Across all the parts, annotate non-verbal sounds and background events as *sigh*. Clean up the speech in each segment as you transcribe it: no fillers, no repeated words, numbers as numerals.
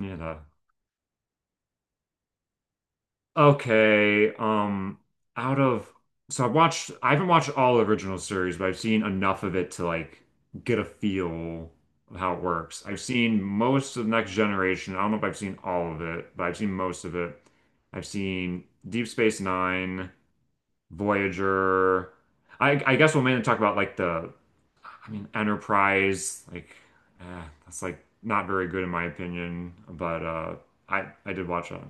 Yeah. Okay. Out of so I've watched I haven't watched all original series, but I've seen enough of it to like get a feel of how it works. I've seen most of Next Generation. I don't know if I've seen all of it, but I've seen most of it. I've seen Deep Space Nine, Voyager. I guess we'll mainly talk about like the I mean Enterprise, like that's like not very good in my opinion, but I did watch that.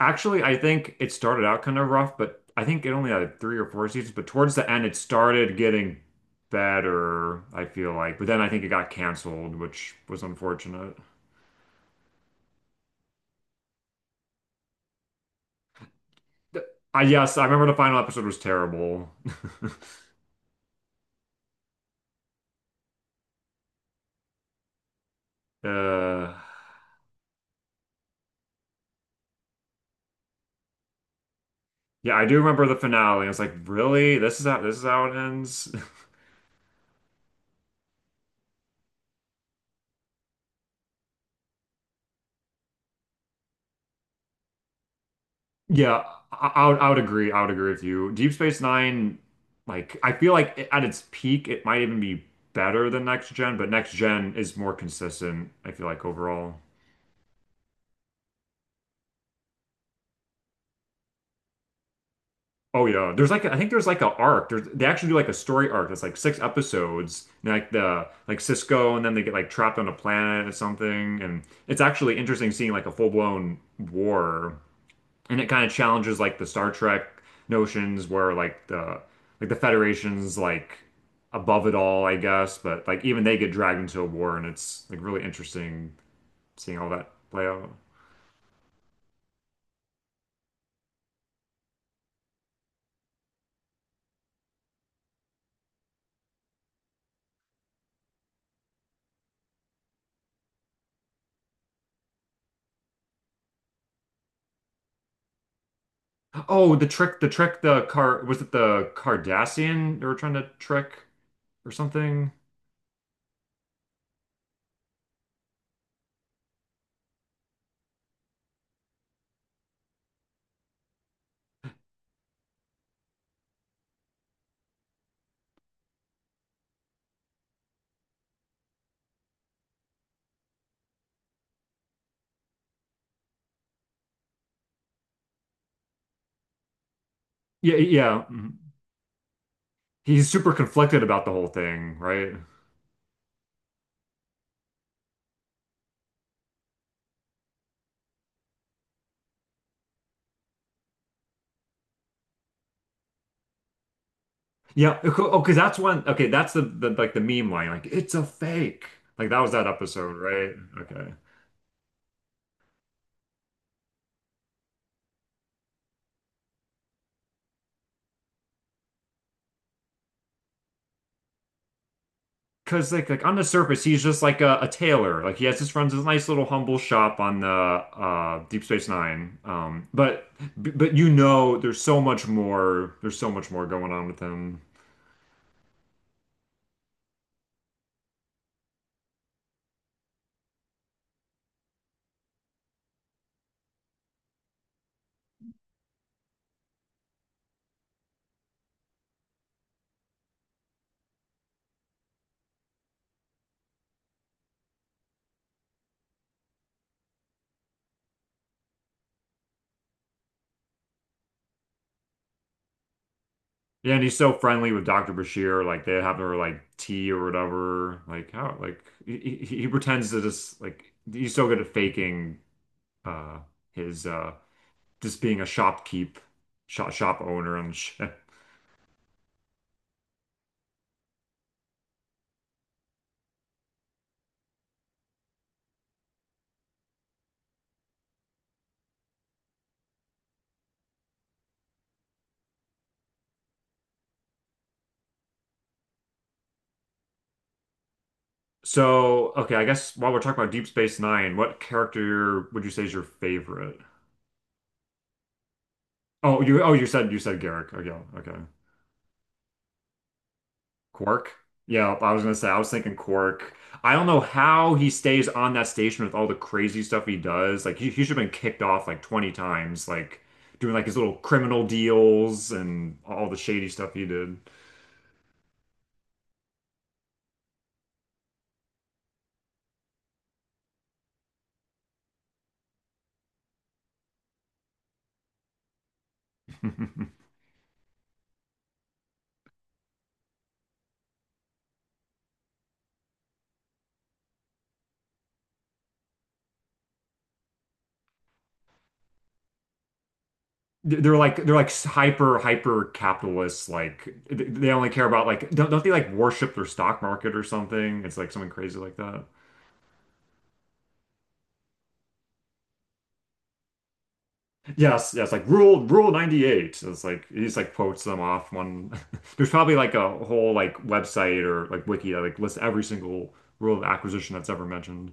Actually, I think it started out kind of rough, but I think it only had three or four seasons. But towards the end, it started getting better, I feel like. But then I think it got canceled, which was unfortunate. Th- I yes, I remember the final episode was terrible. *laughs* Uh, yeah, I do remember the finale. I was like, really? This is how it ends? *laughs* Yeah, I would agree. I would agree with you. Deep Space Nine, like I feel like it, at its peak, it might even be better than Next Gen, but Next Gen is more consistent, I feel like overall. Oh yeah, there's like I think there's like an arc. They actually do like a story arc that's like six episodes. And like the like Cisco, and then they get like trapped on a planet or something. And it's actually interesting seeing like a full blown war and it kind of challenges like the Star Trek notions where like the Federation's like above it all, I guess, but like even they get dragged into a war and it's like really interesting seeing all that play out. Oh, the trick the trick the car was it the Cardassian they were trying to trick or something? Yeah, yeah. Mhm. He's super conflicted about the whole thing, right? Yeah, oh, because that's one. Okay, that's the like the meme line, like it's a fake. Like that was that episode, right? Okay. Because like on the surface, he's just like a tailor. Like he has just runs his nice little humble shop on the Deep Space Nine. But but you know, there's so much more. There's so much more going on with him. Yeah, and he's so friendly with Dr. Bashir. Like they have their like tea or whatever. Like how like he pretends to just like he's so good at faking uh his just being a shop owner and shit. So, okay, I guess while we're talking about Deep Space Nine, what character would you say is your favorite? Oh, you said Garrick. Okay, okay. Quark? Yeah, I was gonna say I was thinking Quark. I don't know how he stays on that station with all the crazy stuff he does. Like he should have been kicked off like 20 times, like doing like his little criminal deals and all the shady stuff he did. *laughs* They're like they're like hyper capitalists like they only care about like don't they like worship their stock market or something? It's like something crazy like that. Yes, yes, like rule 98. So it's like he just like quotes them off one. *laughs* There's probably like a whole like website or like wiki that like lists every single rule of acquisition that's ever mentioned.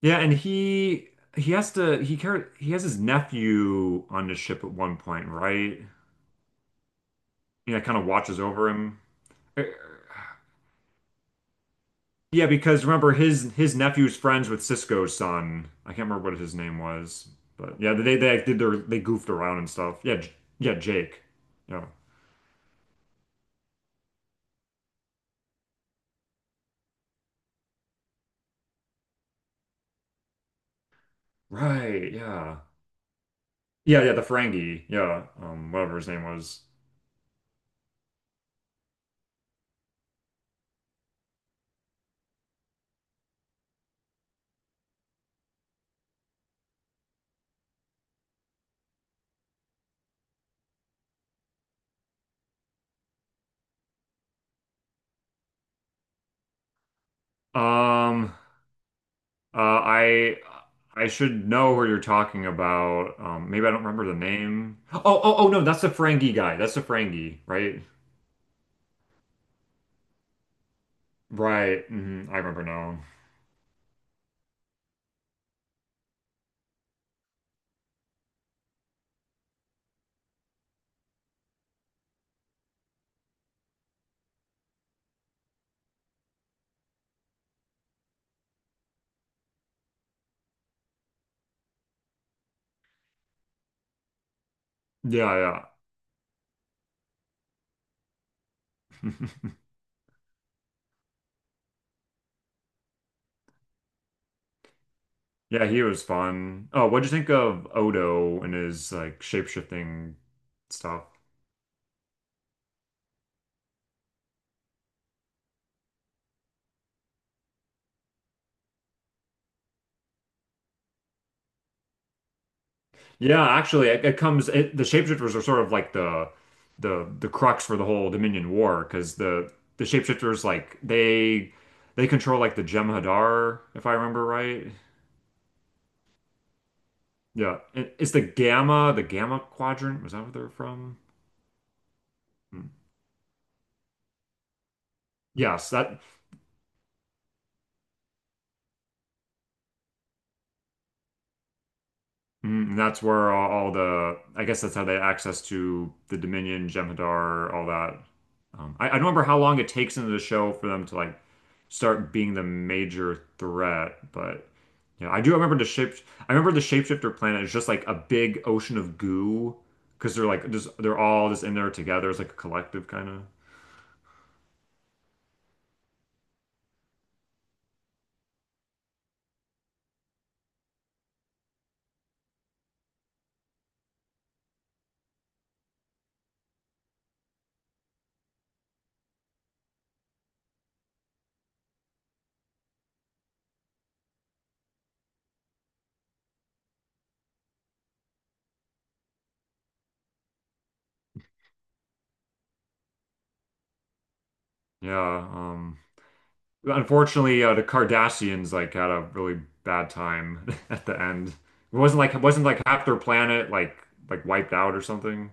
Yeah, and he has to he care he has his nephew on the ship at one point, right? Yeah, kind of watches over him. Eh, Yeah, because remember his nephew's friends with Cisco's son. I can't remember what his name was, but yeah, they did their they goofed around and stuff. Yeah. Yeah, Jake. Yeah, right. Yeah, yeah. The Ferengi. Yeah, whatever his name was. Um, uh, I I should know who you're talking about. Maybe I don't remember the name. Oh no, that's the Ferengi guy. That's the Ferengi, right? Right. Hmm, I remember now. Yeah, yeah. *laughs* Yeah, he was fun. Oh, what'd you think of Odo and his like shape-shifting stuff? Yeah, actually, the shapeshifters are sort of like the crux for the whole Dominion War because the shapeshifters like they control like the Jem'Hadar, if I remember right. Yeah, it's the Gamma Quadrant. Was that where they're from? Hmm. Yes, that. Mm, and that's where all the, I guess that's how they had access to the Dominion, Jem'Hadar, all that. I don't remember how long it takes into the show for them to like start being the major threat, but yeah, I do remember the shape. I remember the shapeshifter planet is just like a big ocean of goo because they're like just they're all just in there together. It's like a collective kind of. Yeah. Unfortunately, the Cardassians like had a really bad time *laughs* at the end. It wasn't like half their planet like wiped out or something.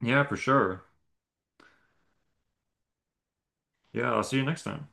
Yeah, for sure. Yeah, I'll see you next time.